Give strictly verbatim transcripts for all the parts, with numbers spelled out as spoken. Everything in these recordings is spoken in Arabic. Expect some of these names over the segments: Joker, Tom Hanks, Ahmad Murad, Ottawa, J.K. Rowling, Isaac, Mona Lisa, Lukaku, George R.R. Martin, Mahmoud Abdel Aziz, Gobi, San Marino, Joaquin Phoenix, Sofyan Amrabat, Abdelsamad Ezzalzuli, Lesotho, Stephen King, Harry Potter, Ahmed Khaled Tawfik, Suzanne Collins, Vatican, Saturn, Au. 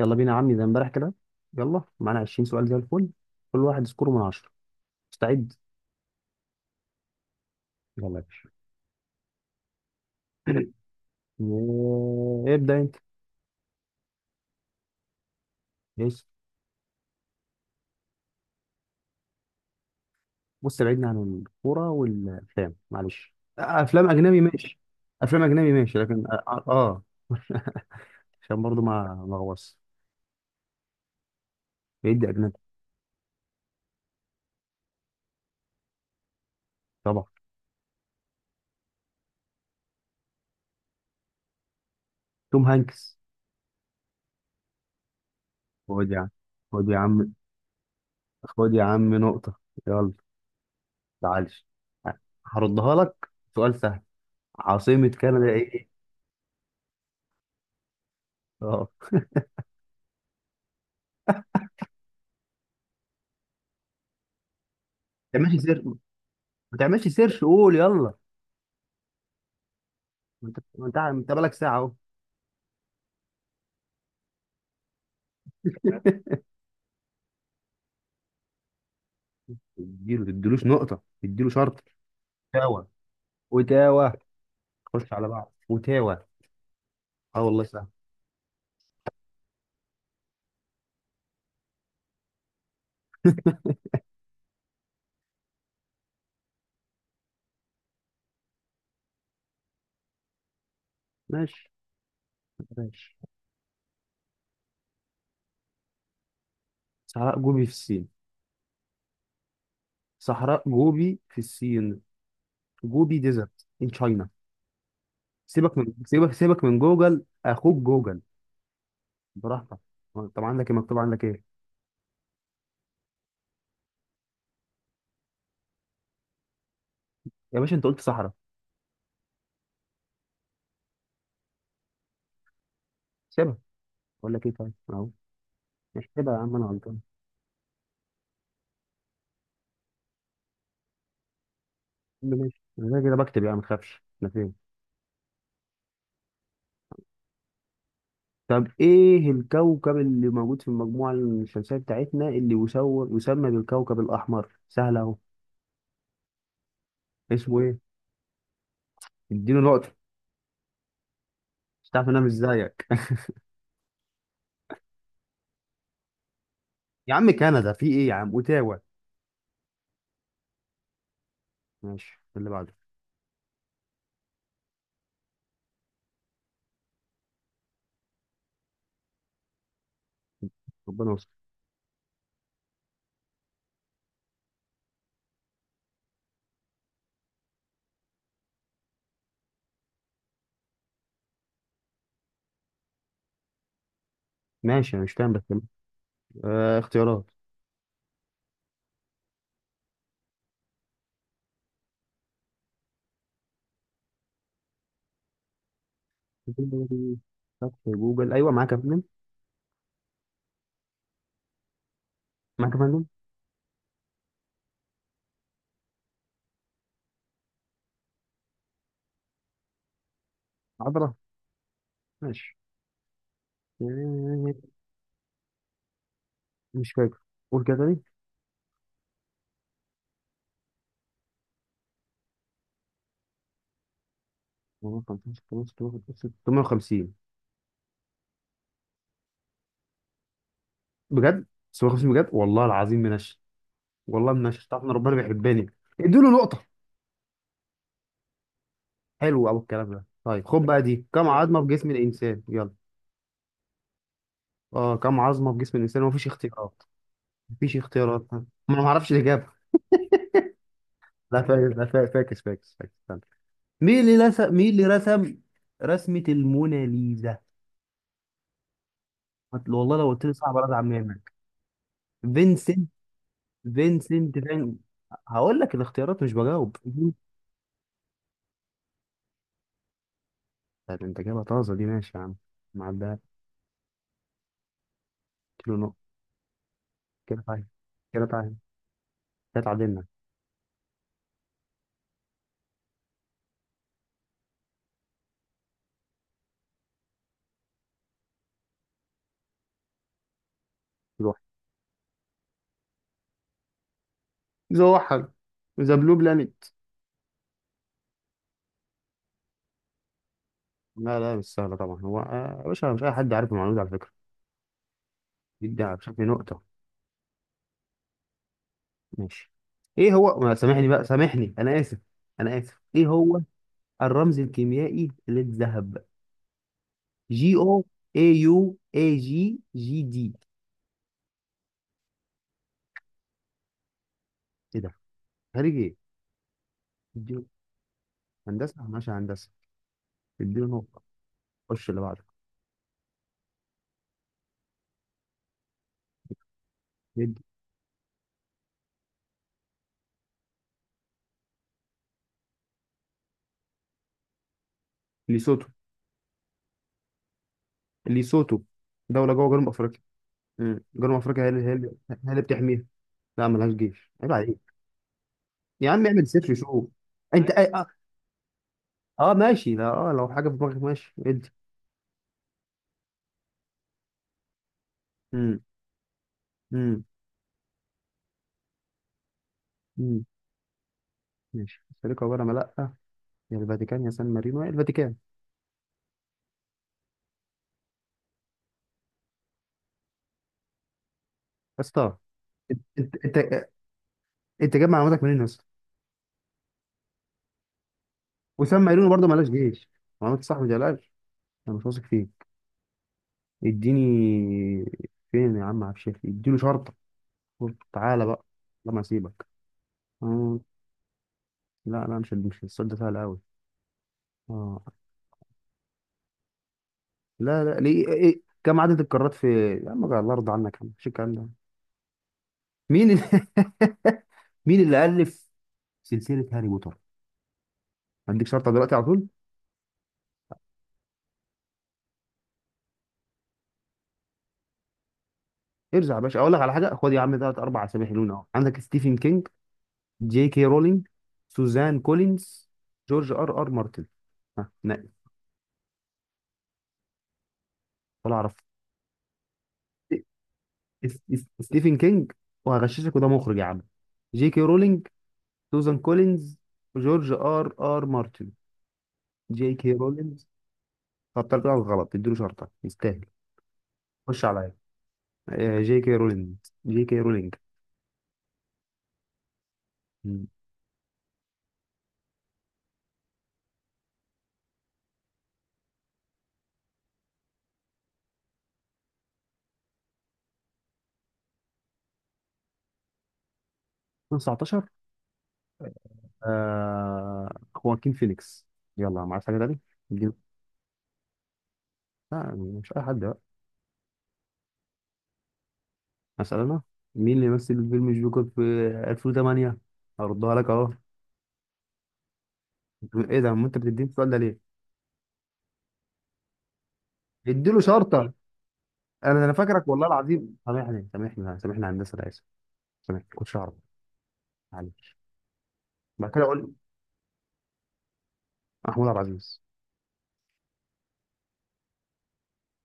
يلا بينا يا عمي زي امبارح كده. يلا معانا عشرين سؤال زي الفل. كل واحد سكوره من عشرة. مستعد؟ يلا يا باشا. و- ابدا انت. بص بص، بعدنا عن الكوره والافلام معلش. افلام اجنبي ماشي. افلام اجنبي ماشي، لكن اه آه. عشان برضو ما ما اغوص بعيد اجنبي. طبعا. توم هانكس. خد يا عم، خد يا عم، خد يا عم نقطه. يلا. معلش. هردها لك. سؤال سهل، عاصمة كندا ايه؟ اه، يا ماشي سر، ما تعملش سيرش، قول يلا. ما انت، ما انت انت بقالك ساعه اهو. اديله، تديلوش نقطة، اديله شرط. تاوه، وتاوه، خش على بعض، وتاوه. اه والله سهل. ماشي ماشي. صحراء جوبي في الصين. صحراء جوبي في الصين. جوبي ديزرت ان تشاينا. سيبك من، سيبك سيبك من جوجل، اخوك جوجل. براحتك. هو طب عندك ايه مكتوب عندك ايه؟ يا باشا انت قلت صحراء. سيبها، اقول لك ايه طيب اهو. احسبها يا عم انا غلطان. يا عم ماشي، انا كده كده بكتب يعني ما تخافش انا فين. طب ايه الكوكب اللي موجود في المجموعة الشمسية بتاعتنا اللي يسو- يسمى بالكوكب الأحمر؟ سهل أهو. اسمه ايه؟ اديله نقطة. مش تعرف إن أنا مش زيك. يا عم كندا في ايه؟ يا عم اوتاوا. ماشي اللي بعده. ربنا يستر. ماشي انا مش فاهم بس. آه اختيارات. فتح جوجل ايوه معاك يا فندم. معاك يا فندم. عبره. ماشي. آه، مش فاكر، قول كده تاني. خمستاشر خمستاشر ستاشر ستمائة وخمسون. بجد ستمية وخمسين بجد، والله العظيم منش. والله من الشيطان، ربنا بيحبني. اديله نقطة. حلو أوي الكلام ده. طيب خد بقى دي، كم عظمة في جسم الإنسان؟ يلا. اه، كم عظمة في جسم الإنسان؟ مفيش اختيارات. مفيش اختيارات، ما أنا معرفش الإجابة. لا فاكس، لا فا- فاكس فاكس فاكس استنى. مين اللي رسم، مين اللي رسم رسمة الموناليزا؟ هت- والله لو قلت لي صعب رد عن منك. فينسنت، فينسنت فين. هقول لك الاختيارات، مش بجاوب. طب انت جايبها طازة دي، ماشي يا عم. معدها. اديله نقطة. كده تعادل، كده تعادل، كده تعادلنا. زوحل. ذا بلو بلانيت. لا لا، مش سهلة طبعا. هو آه، يا باشا مش أي حد عارف المعلومة دي على فكرة. دي ده بشكل نقطة. ماشي. إيه هو، ما سامحني بقى، سامحني أنا آسف. أنا آسف إيه هو. الرمز الكيميائي للذهب. جي أو. اي يو، اي جي، جي دي. إيه ده؟ خارج إيه؟ إديله- هندسة، ماشي هندسة. إديله نقطة. خش اللي بعده. ندي. ليسوتو. ليسوتو، دولة جوه جنوب أفريقيا. مم. جنوب أفريقيا هي اللي هي اللي هي اللي بتحميها. لا ملهاش جيش عيب. يا عم اعمل سيرش شوف. انت اه، آه ماشي، لا اه لو حاجه في دماغك ماشي ادي. امم. امم. امم. ماشي السليقه عباره عن لا. يا الفاتيكان، يا سان مارينو، يا الفاتيكان، يا اسطى. انت انت انت، أنت جايب معلوماتك منين يا اسطى؟ وسان مارينو برضه مالهاش جيش. معلومات صح ما تقلقش. انا مش واثق فيك. اديني. فين يا عم عبد الشافي، اديله شرطه. قلت تعالى بقى لما اسيبك. آه. لا لا، مش مش السؤال ده سهل قوي. اه. لا لا ليه إيه؟ إيه، كم عدد القارات في؟ يا عم الله يرضى عنك يا عم، مش الكلام ده. مين اللي مين اللي ألف سلسلة هاري بوتر؟ هديك شرطة دلوقتي على طول. ارجع يا باشا أقول لك على حاجة. خد يا عم تلات أربع أسامي حلوين أهو، عندك ستيفن كينج، جي كي رولينج، سوزان كولينز، جورج آر آر مارتن. ها نقي. ولا أعرف. س- س- ستيفن كينج، وهغششك وده مخرج يا عم. جي كي رولينج، سوزان كولينز، جورج آر آر مارتن. جي كي رولينز. طب طلع غلط اديله شرطة يستاهل. خش عليا. آه، جي كي رولينج، جي كي رولينج. ألفين وتسعتاشر. آه. خواكين فينيكس. يلا، ما عرفت حاجه تاني. دي- لا مش اي حد بقى. مثلا انا، مين اللي مثل فيلم جوكر في ألفين وثمانية؟ هردها لك اهو. ايه ده، ما انت بتديني السؤال ده ليه؟ اديله شرطه. انا انا فاكرك والله العظيم، سامحني سامحني سامحني هندسه انا اسف. سامحني كنتش اعرف. معلش. بعد كده اقول. محمود عبد العزيز.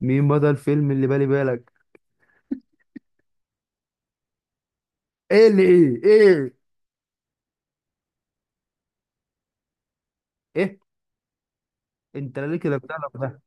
مين بدا الفيلم اللي بالي بالك؟ ايه اللي ايه ايه؟ ايه، انت لا ليك لا في ده ولا في ده.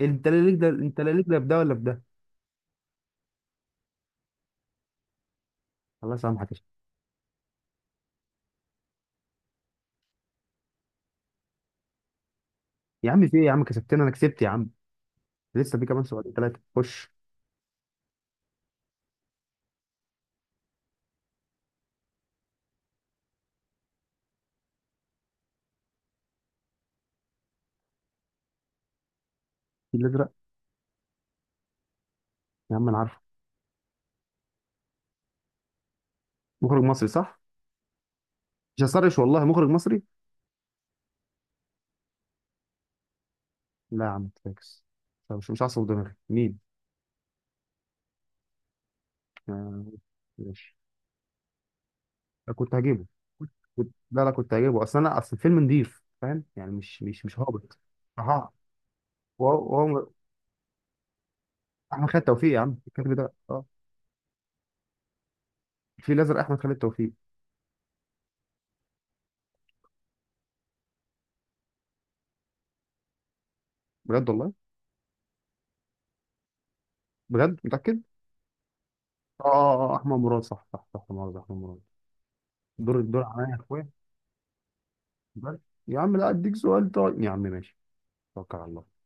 انت لا ليك ده، انت لا ليك لا في ده ولا في ده. الله يسامحك. يا عم في ايه يا عم، كسبتنا، انا كسبت يا عم. لسه في كمان سؤال ثلاثه خش. الفيل الازرق. يا عم انا عارفه. مخرج مصري صح. مش هسرش والله. مخرج مصري. لا يا عم فاكس. طب مش، مش هعصب دماغي، مين؟ آه، ماشي. أنا كنت هجيبه. كنت كنت- لا لا، كنت هجيبه، اصل انا اصل الفيلم نضيف فاهم يعني، مش مش مش هابط. اها. وهو وهو- احمد خالد توفيق يا عم الكاتب ده اه. الفيل الازرق احمد خالد توفيق. بجد والله. بجد متاكد. اه اه آه، احمد مراد صح صح صح. مراد، احمد مراد. دور الدور عليا يا اخويا. بس يا عم، لا اديك سؤال طيب يا عم ماشي. توكل على الله.